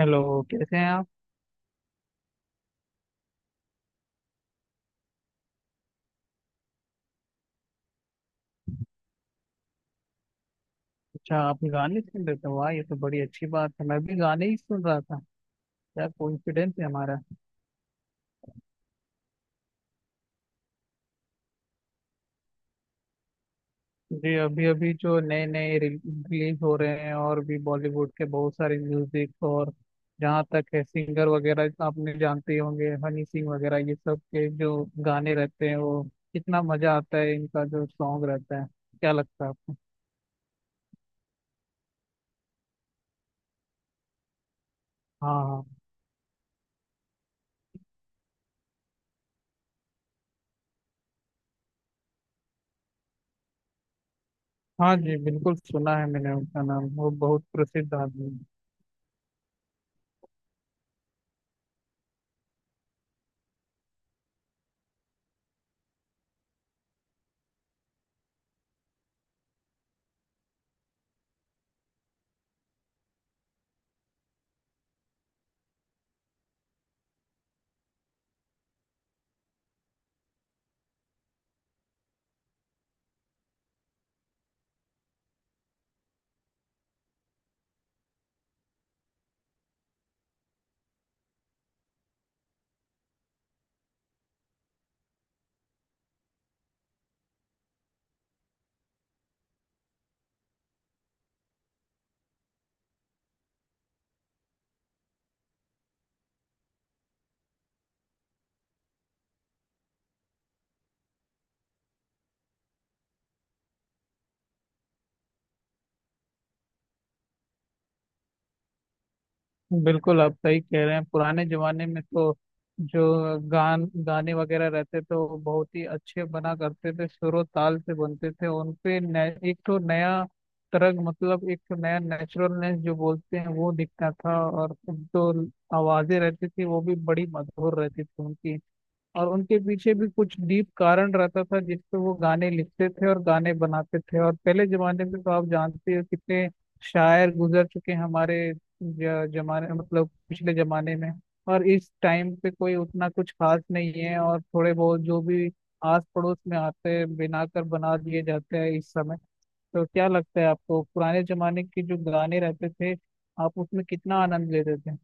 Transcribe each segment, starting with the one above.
Hello, कैसे हैं आप। अच्छा, आप गाने सुन रहे थे। वाह, ये तो बड़ी अच्छी बात है। मैं भी गाने ही सुन रहा था। क्या कोइंसिडेंस है हमारा। जी, अभी अभी जो नए नए रिलीज हो रहे हैं, और भी बॉलीवुड के बहुत सारे म्यूजिक, और जहाँ तक है सिंगर वगैरह, आपने जानते ही होंगे, हनी सिंह वगैरह, ये सब के जो गाने रहते हैं, वो कितना मजा आता है इनका जो सॉन्ग रहता है। क्या लगता है आपको। हाँ, हाँ। हाँ जी, बिल्कुल सुना है मैंने उनका नाम। वो बहुत प्रसिद्ध आदमी है। बिल्कुल, आप सही कह रहे हैं। पुराने जमाने में तो जो गान गाने वगैरह रहते थे, वो बहुत ही अच्छे बना करते थे। सुर और ताल से बनते थे उन पे। एक तो नया तरंग, मतलब एक तो नया नेचुरलनेस जो बोलते हैं, वो दिखता था। और जो आवाजें रहती थी, वो भी बड़ी मधुर रहती थी उनकी। और उनके पीछे भी कुछ डीप कारण रहता था जिस पे वो गाने लिखते थे और गाने बनाते थे। और पहले जमाने में तो आप जानते हो, कितने शायर गुजर चुके हैं हमारे जमाने, मतलब पिछले जमाने में। और इस टाइम पे कोई उतना कुछ खास नहीं है। और थोड़े बहुत जो भी आस पड़ोस में आते हैं, बनाकर बना दिए जाते हैं इस समय। तो क्या लगता है आपको, पुराने जमाने के जो गाने रहते थे, आप उसमें कितना आनंद लेते थे।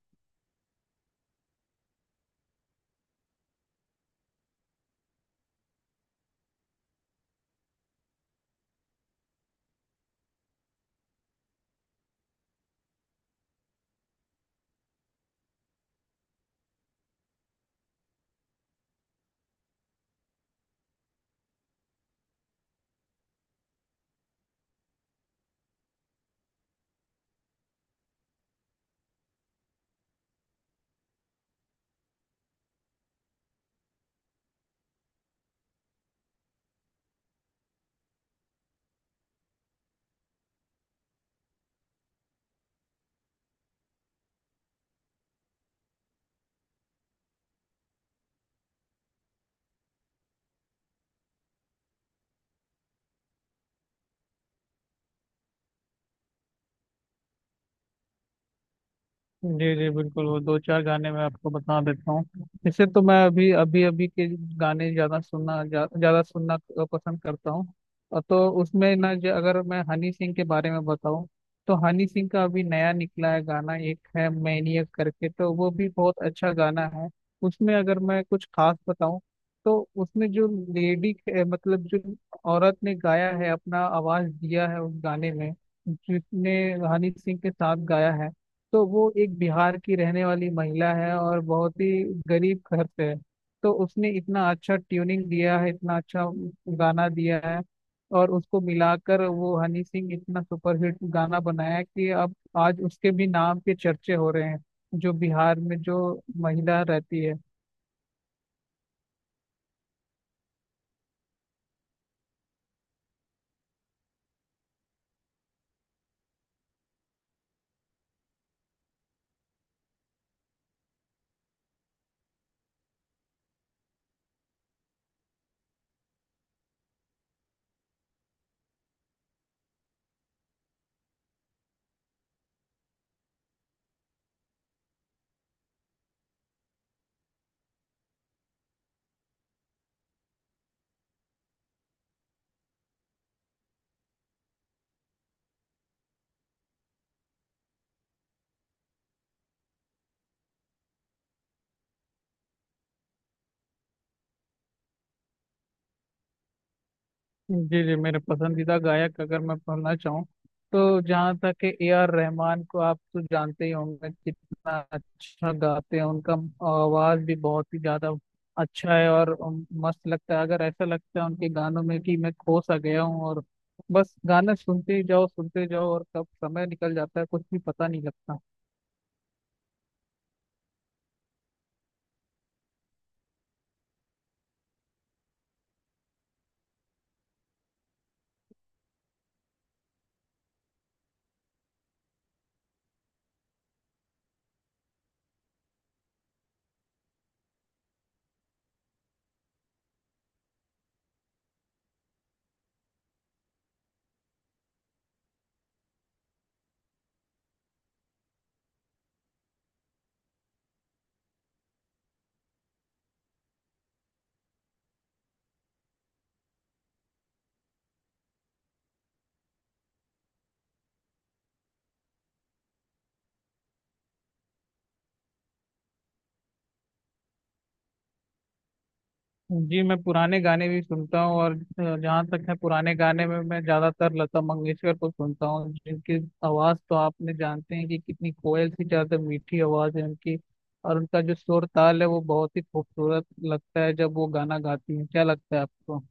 जी जी, बिल्कुल, वो दो चार गाने मैं आपको बता देता हूँ। जैसे, तो मैं अभी अभी अभी के गाने ज़्यादा सुनना, ज़्यादा सुनना पसंद करता हूँ। और तो उसमें ना, जो, अगर मैं हनी सिंह के बारे में बताऊँ, तो हनी सिंह का अभी नया निकला है गाना, एक है मैनियक करके, तो वो भी बहुत अच्छा गाना है। उसमें अगर मैं कुछ खास बताऊँ, तो उसमें जो लेडी, मतलब जो औरत ने गाया है, अपना आवाज़ दिया है उस गाने में, जिसने हनी सिंह के साथ गाया है, तो वो एक बिहार की रहने वाली महिला है और बहुत ही गरीब घर से है। तो उसने इतना अच्छा ट्यूनिंग दिया है, इतना अच्छा गाना दिया है। और उसको मिलाकर वो हनी सिंह इतना सुपरहिट गाना बनाया कि अब आज उसके भी नाम के चर्चे हो रहे हैं, जो बिहार में जो महिला रहती है। जी जी, मेरे पसंदीदा गायक अगर मैं बोलना चाहूँ, तो जहाँ तक है, AR रहमान को आप तो जानते ही होंगे, कितना अच्छा गाते हैं। उनका आवाज भी बहुत ही ज्यादा अच्छा है। और मस्त लगता है, अगर ऐसा लगता है उनके गानों में कि मैं खो सा गया हूँ, और बस गाना सुनते ही जाओ, सुनते जाओ, और कब समय निकल जाता है कुछ भी पता नहीं लगता। जी, मैं पुराने गाने भी सुनता हूँ। और जहाँ तक है पुराने गाने में, मैं ज्यादातर लता मंगेशकर को सुनता हूँ, जिनकी आवाज तो आपने जानते हैं कि कितनी कोयल सी ज्यादा मीठी आवाज है उनकी। और उनका जो सुर ताल है, वो बहुत ही खूबसूरत लगता है जब वो गाना गाती हैं। क्या लगता है आपको।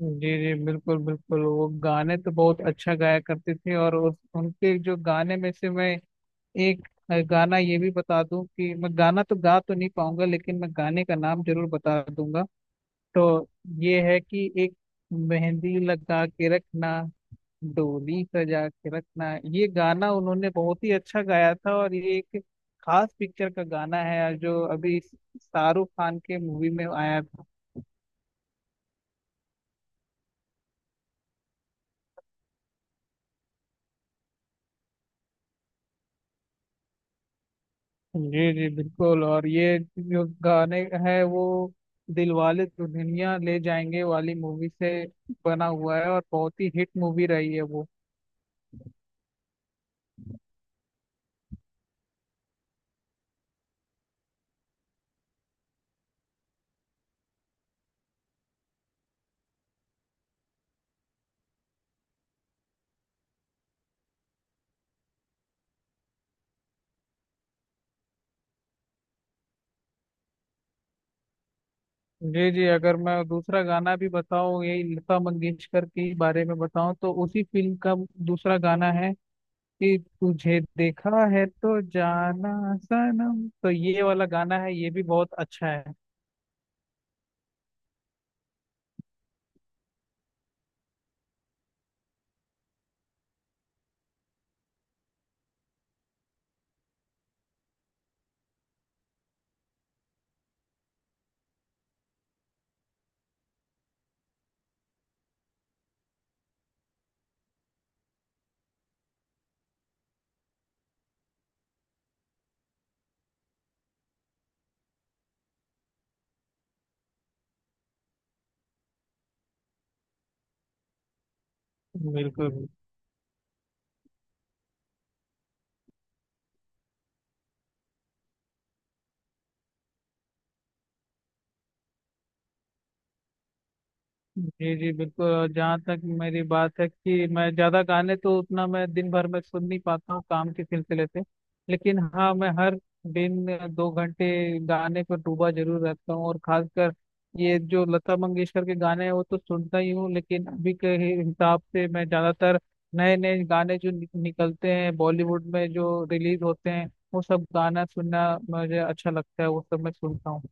जी जी, बिल्कुल बिल्कुल, वो गाने तो बहुत अच्छा गाया करते थे। और उनके जो गाने में से मैं एक गाना ये भी बता दूं कि मैं गाना तो गा तो नहीं पाऊंगा, लेकिन मैं गाने का नाम जरूर बता दूंगा। तो ये है कि एक, मेहंदी लगा के रखना, डोली सजा के रखना, ये गाना उन्होंने बहुत ही अच्छा गाया था। और ये एक खास पिक्चर का गाना है जो अभी शाहरुख खान के मूवी में आया था। जी जी, बिल्कुल। और ये जो गाने है, वो दिलवाले दुल्हनिया ले जाएंगे वाली मूवी से बना हुआ है, और बहुत ही हिट मूवी रही है वो। जी जी, अगर मैं दूसरा गाना भी बताऊं, यही लता मंगेशकर के बारे में बताऊं, तो उसी फिल्म का दूसरा गाना है कि, तुझे देखा है तो जाना सनम, तो ये वाला गाना है, ये भी बहुत अच्छा है। बिल्कुल। जी जी, बिल्कुल। और जहाँ तक मेरी बात है कि मैं ज़्यादा गाने तो उतना मैं दिन भर में सुन नहीं पाता हूँ काम के सिलसिले से। लेकिन हाँ, मैं हर दिन 2 घंटे गाने पर डूबा जरूर रहता हूँ। और खासकर ये जो लता मंगेशकर के गाने हैं, वो तो सुनता ही हूँ, लेकिन अभी के हिसाब से मैं ज़्यादातर नए नए गाने जो निकलते हैं बॉलीवुड में, जो रिलीज होते हैं, वो सब गाना सुनना मुझे अच्छा लगता है। वो सब मैं सुनता हूँ।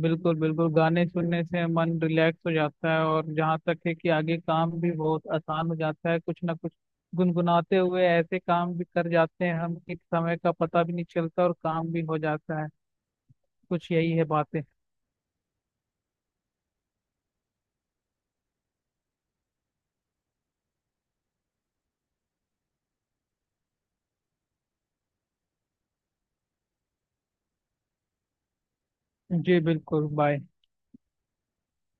बिल्कुल बिल्कुल, गाने सुनने से मन रिलैक्स हो जाता है। और जहाँ तक है कि आगे काम भी बहुत आसान हो जाता है, कुछ ना कुछ गुनगुनाते हुए ऐसे काम भी कर जाते हैं हम कि समय का पता भी नहीं चलता और काम भी हो जाता है। कुछ यही है बातें। जी बिल्कुल, बाय।